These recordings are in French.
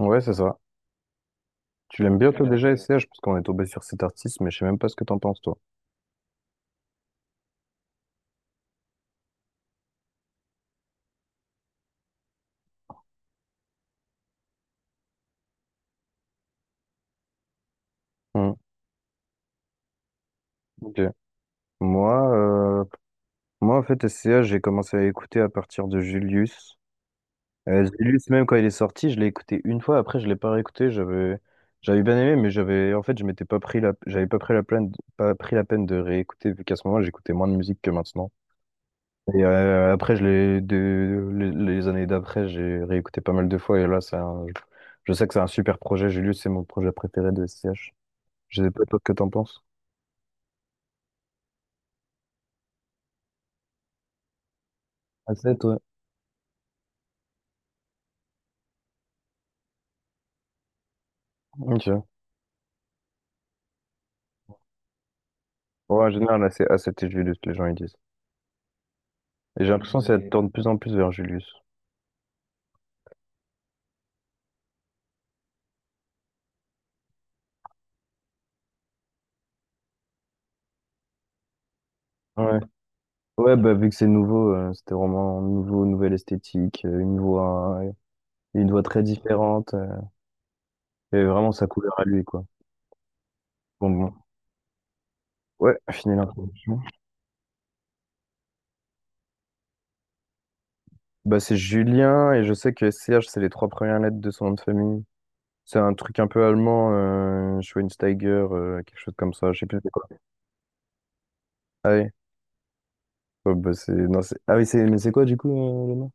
Ouais, c'est ça. Tu l'aimes bien, toi, voilà, déjà, S C H parce qu'on est tombé sur cet artiste, mais je sais même pas ce que t'en penses, toi. Hmm, ok. Moi, moi, en fait, S C H j'ai commencé à écouter à partir de Julius. Julius, même quand il est sorti, je l'ai écouté une fois, après, je l'ai pas réécouté, j'avais bien aimé, mais en fait, je m'étais pas pris la, j'avais pas pris la peine, de réécouter, vu qu'à ce moment, j'écoutais moins de musique que maintenant. Et après, les années d'après, j'ai réécouté pas mal de fois. Et là, je sais que c'est un super projet. Julius, c'est mon projet préféré de SCH. Je sais pas toi que t'en penses. A7, ouais. Ok. Ouais, en général, c'est A7 et Julius, les gens ils disent. Et j'ai l'impression que ça tourne de plus en plus vers Julius. Ouais. Ouais, bah vu que c'est nouveau, c'était vraiment nouveau, nouvelle esthétique, une voix très différente. Et vraiment sa couleur à lui, quoi. Bon, bon. Ouais, fini l'introduction. Bah, c'est Julien et je sais que C H c'est les trois premières lettres de son nom de famille. C'est un truc un peu allemand, Schweinsteiger, quelque chose comme ça, je sais plus c'est quoi. Ah oui, oh, bah, c'est... Non, c'est... Ah oui, c'est... Mais c'est quoi du coup, le nom?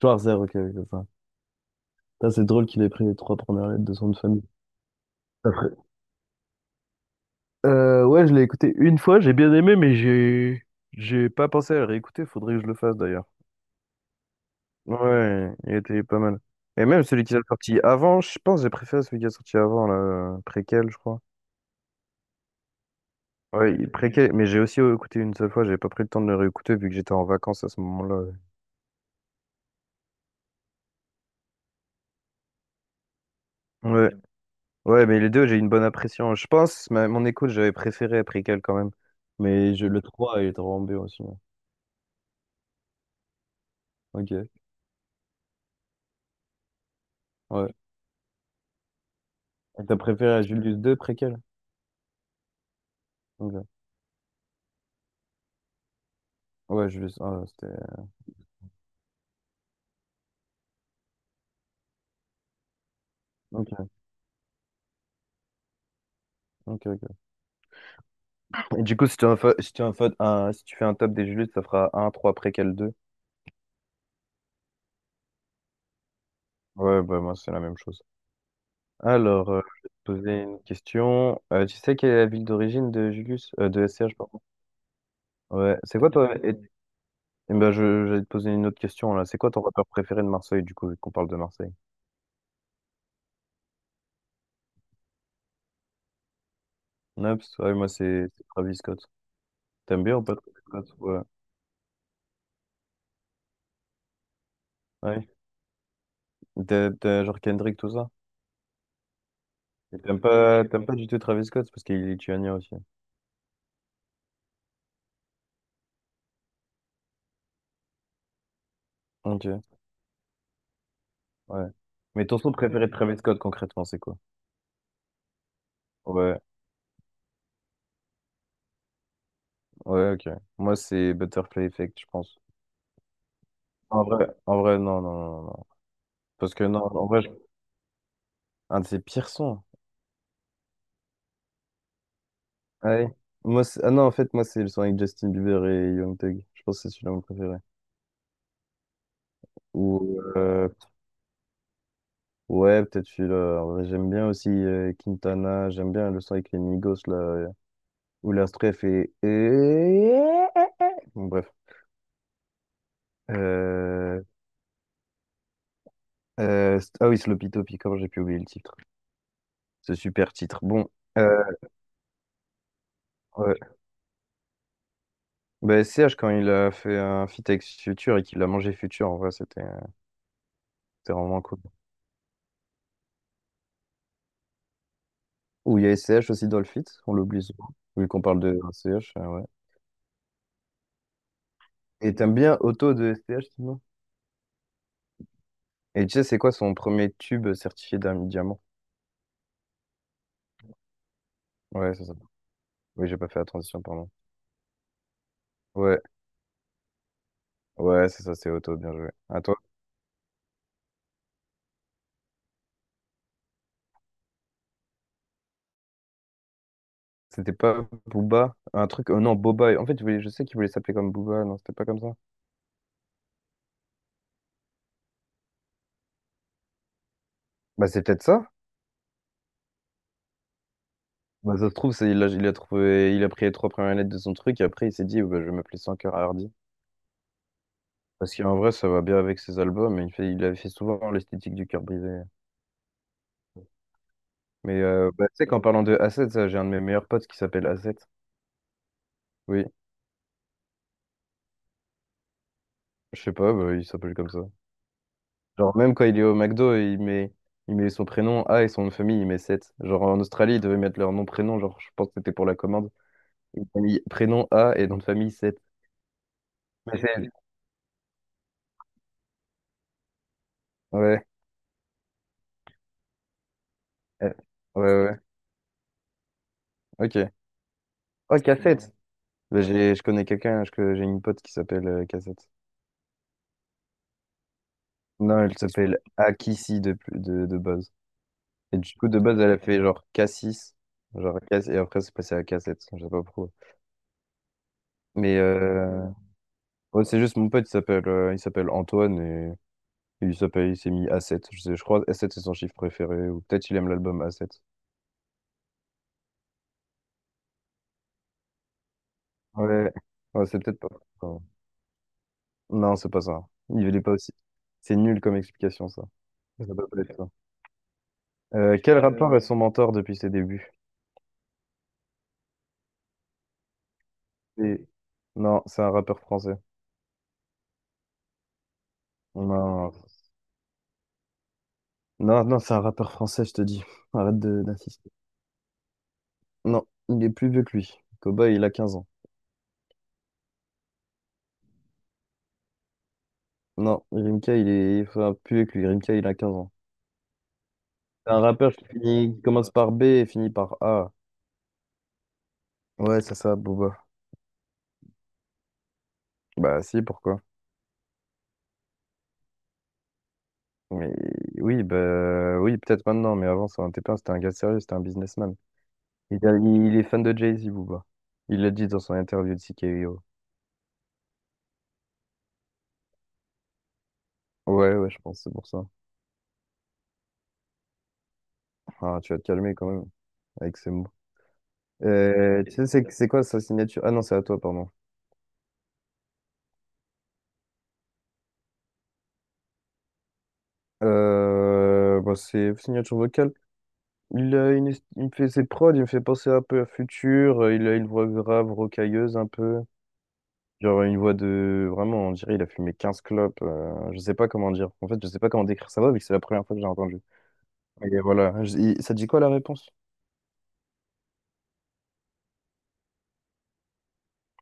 Schwarzer, ok, ok, c'est ça. Ça, c'est drôle qu'il ait pris les trois premières lettres de son nom de famille. Après- ouais, je l'ai écouté une fois, j'ai bien aimé, mais j'ai pas pensé à le réécouter, faudrait que je le fasse d'ailleurs. Ouais, il était pas mal. Et même celui qui a sorti avant, je pense que j'ai préféré celui qui a sorti avant, là, préquel, je crois. Ouais, il est préquel, mais j'ai aussi écouté une seule fois, j'ai pas pris le temps de le réécouter vu que j'étais en vacances à ce moment-là. Ouais, ouais, mais les deux, j'ai une bonne impression. Je pense, mon écoute, j'avais préféré à préquel quand même. Le 3 il est vraiment bien aussi, hein. Ok, ouais. Et t'as préféré à Julius 2 préquel? Ok. Ouais, Julius 1, c'était... Ok, ok, ok. Et du coup, si tu, en fa- si tu, en fa- un- si tu fais un top des Julius, ça fera un 3 préquel 2. Ouais, bah moi, c'est la même chose. Alors, je vais te poser une question. Tu sais quelle est la ville d'origine de Julius? De SCH, pardon. Ouais, c'est quoi toi? Et ben je j'allais te poser une autre question là. C'est quoi ton rappeur préféré de Marseille du coup, vu qu'on parle de Marseille? Naps, ouais, moi c'est Travis Scott. T'aimes bien ou pas Travis Scott? Ouais. Ouais. T'as genre Kendrick, tout ça? Et t'aimes pas du tout Travis Scott parce qu'il est lituanien aussi. Ok, ouais. Mais ton son préféré de Travis Scott concrètement, c'est quoi? Ouais, ouais, ok. Moi c'est Butterfly Effect, je pense. En vrai, non, non, non, non. Parce que non, en vrai, un de ses pires sons. Ah oui. Ah non, en fait, moi, c'est le son avec Justin Bieber et Young Thug. Je pense que c'est celui-là mon préféré. Ou, ouais, peut-être celui-là. En vrai, j'aime bien aussi Quintana. J'aime bien le son avec les Migos, là. Où la stref est... Bon, bref. Euh, ah oui, Sloppy Toppy, comment j'ai pu oublier le titre. Ce super titre. Bon. Euh, ouais. Bah, CH, quand il a fait un feat avec Future et qu'il a mangé Future, en vrai, c'était vraiment cool. Ou il y a SCH aussi dans le feat, on l'oublie souvent, vu qu'on parle de SCH. Et t'aimes bien Auto de STH, sinon? Et tu sais, c'est quoi son premier tube certifié d'un diamant? Ouais, c'est ça. Oui, j'ai pas fait la transition, pardon. Ouais, ouais, c'est ça, c'est Auto, bien joué. À toi. C'était pas Booba? Un truc. Oh non, Boba. En fait, je sais qu'il voulait s'appeler comme Booba. Non, c'était pas comme ça. Bah, c'est peut-être ça. Bah, ça se trouve, il a trouvé, il a pris les trois premières lettres de son truc et après, il s'est dit, bah, je vais m'appeler Sans cœur à. Parce qu'en vrai, ça va bien avec ses albums. Et il avait fait souvent l'esthétique du cœur brisé. Mais bah, tu sais qu'en parlant de Asset, ça, j'ai un de mes meilleurs potes qui s'appelle Asset. Oui. Je sais pas, bah, il s'appelle comme ça. Genre, même quand il est au McDo, il met son prénom A et son nom de famille, il met 7. Genre, en Australie, ils devaient mettre leur nom, prénom. Genre, je pense que c'était pour la commande. Ils ont mis prénom A et nom de famille 7. Mais c'est- Ouais. euh, Ouais, ouais. Ok. Oh, Cassette. Bah, je connais quelqu'un, j'ai une pote qui s'appelle Cassette. Non, elle s'appelle Akissi de base. Et du coup, de base, elle a fait genre Cassis. Genre, Cass, et après, c'est passé à Cassette. Je sais pas pourquoi. Mais, euh, Ouais, c'est juste mon pote, il s'appelle Antoine et il s'est mis A7. Je crois A7 c'est son chiffre préféré ou peut-être il aime l'album A7. Ouais. Ouais, c'est peut-être pas. Non, non, c'est pas ça. Il est pas aussi. C'est nul comme explication ça. Ça peut pas être ça. Quel rappeur est son mentor depuis ses débuts? C'est- Non, c'est un rappeur français. Non, non, non, c'est un rappeur français, je te dis. Arrête d'insister. Non, il est plus vieux que lui. Koba, il a 15 ans. Non, Rimka, il est enfin, plus vieux que lui. Rimka, il a 15 ans. C'est un rappeur qui commence par B et finit par A. Ouais, c'est ça, Booba. Bah si, pourquoi? Mais oui, bah oui, peut-être maintenant, mais avant, ça n'en était pas. C'était un gars sérieux, c'était un businessman. Il est fan de Jay-Z, Booba. Il l'a dit dans son interview de C K O. Ouais, ouais, je pense, c'est pour ça. Ah, tu vas te calmer quand même, avec ces mots. Tu sais, c'est quoi sa signature? Ah non, c'est à toi, pardon. Bah, c'est signature vocale. Il, a une, est- Il me fait ses prods, il me fait penser un peu à Future, il a une voix grave, rocailleuse un peu. Genre une voix de... Vraiment, on dirait il a fumé 15 clopes. Je sais pas comment dire. En fait, je sais pas comment décrire sa voix, vu que c'est la première fois que j'ai entendu. Et voilà. Ça dit quoi la réponse?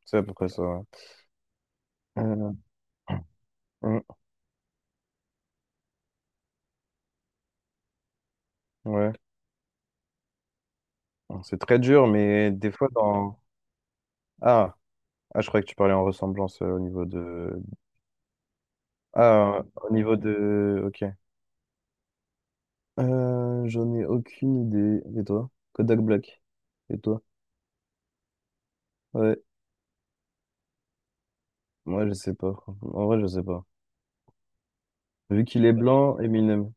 C'est à peu près ça. Ouais. Euh, euh, ouais. C'est très dur, mais des fois dans... Ah, ah, je croyais que tu parlais en ressemblance au niveau de... Ah, au niveau de... Ok. J'en ai aucune idée. Et toi? Kodak Black. Et toi? Ouais. Moi, je sais pas. En vrai, je sais pas. Vu qu'il est blanc, Eminem.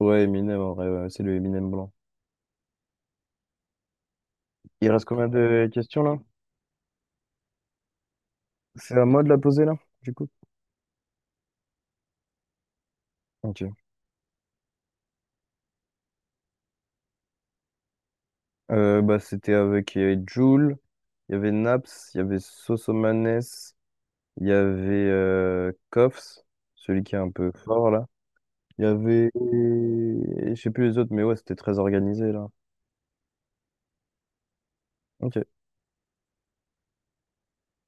Ouais, Eminem, en vrai, ouais, c'est le Eminem blanc. Il reste combien de questions là? C'est à moi de la poser là, du coup? Ok. Bah, c'était avec Jul, il y avait Naps, il y avait Sosomanes, il y avait Koffs, celui qui est un peu fort là. Il y avait. Je sais plus les autres, mais ouais, c'était très organisé là. Ok.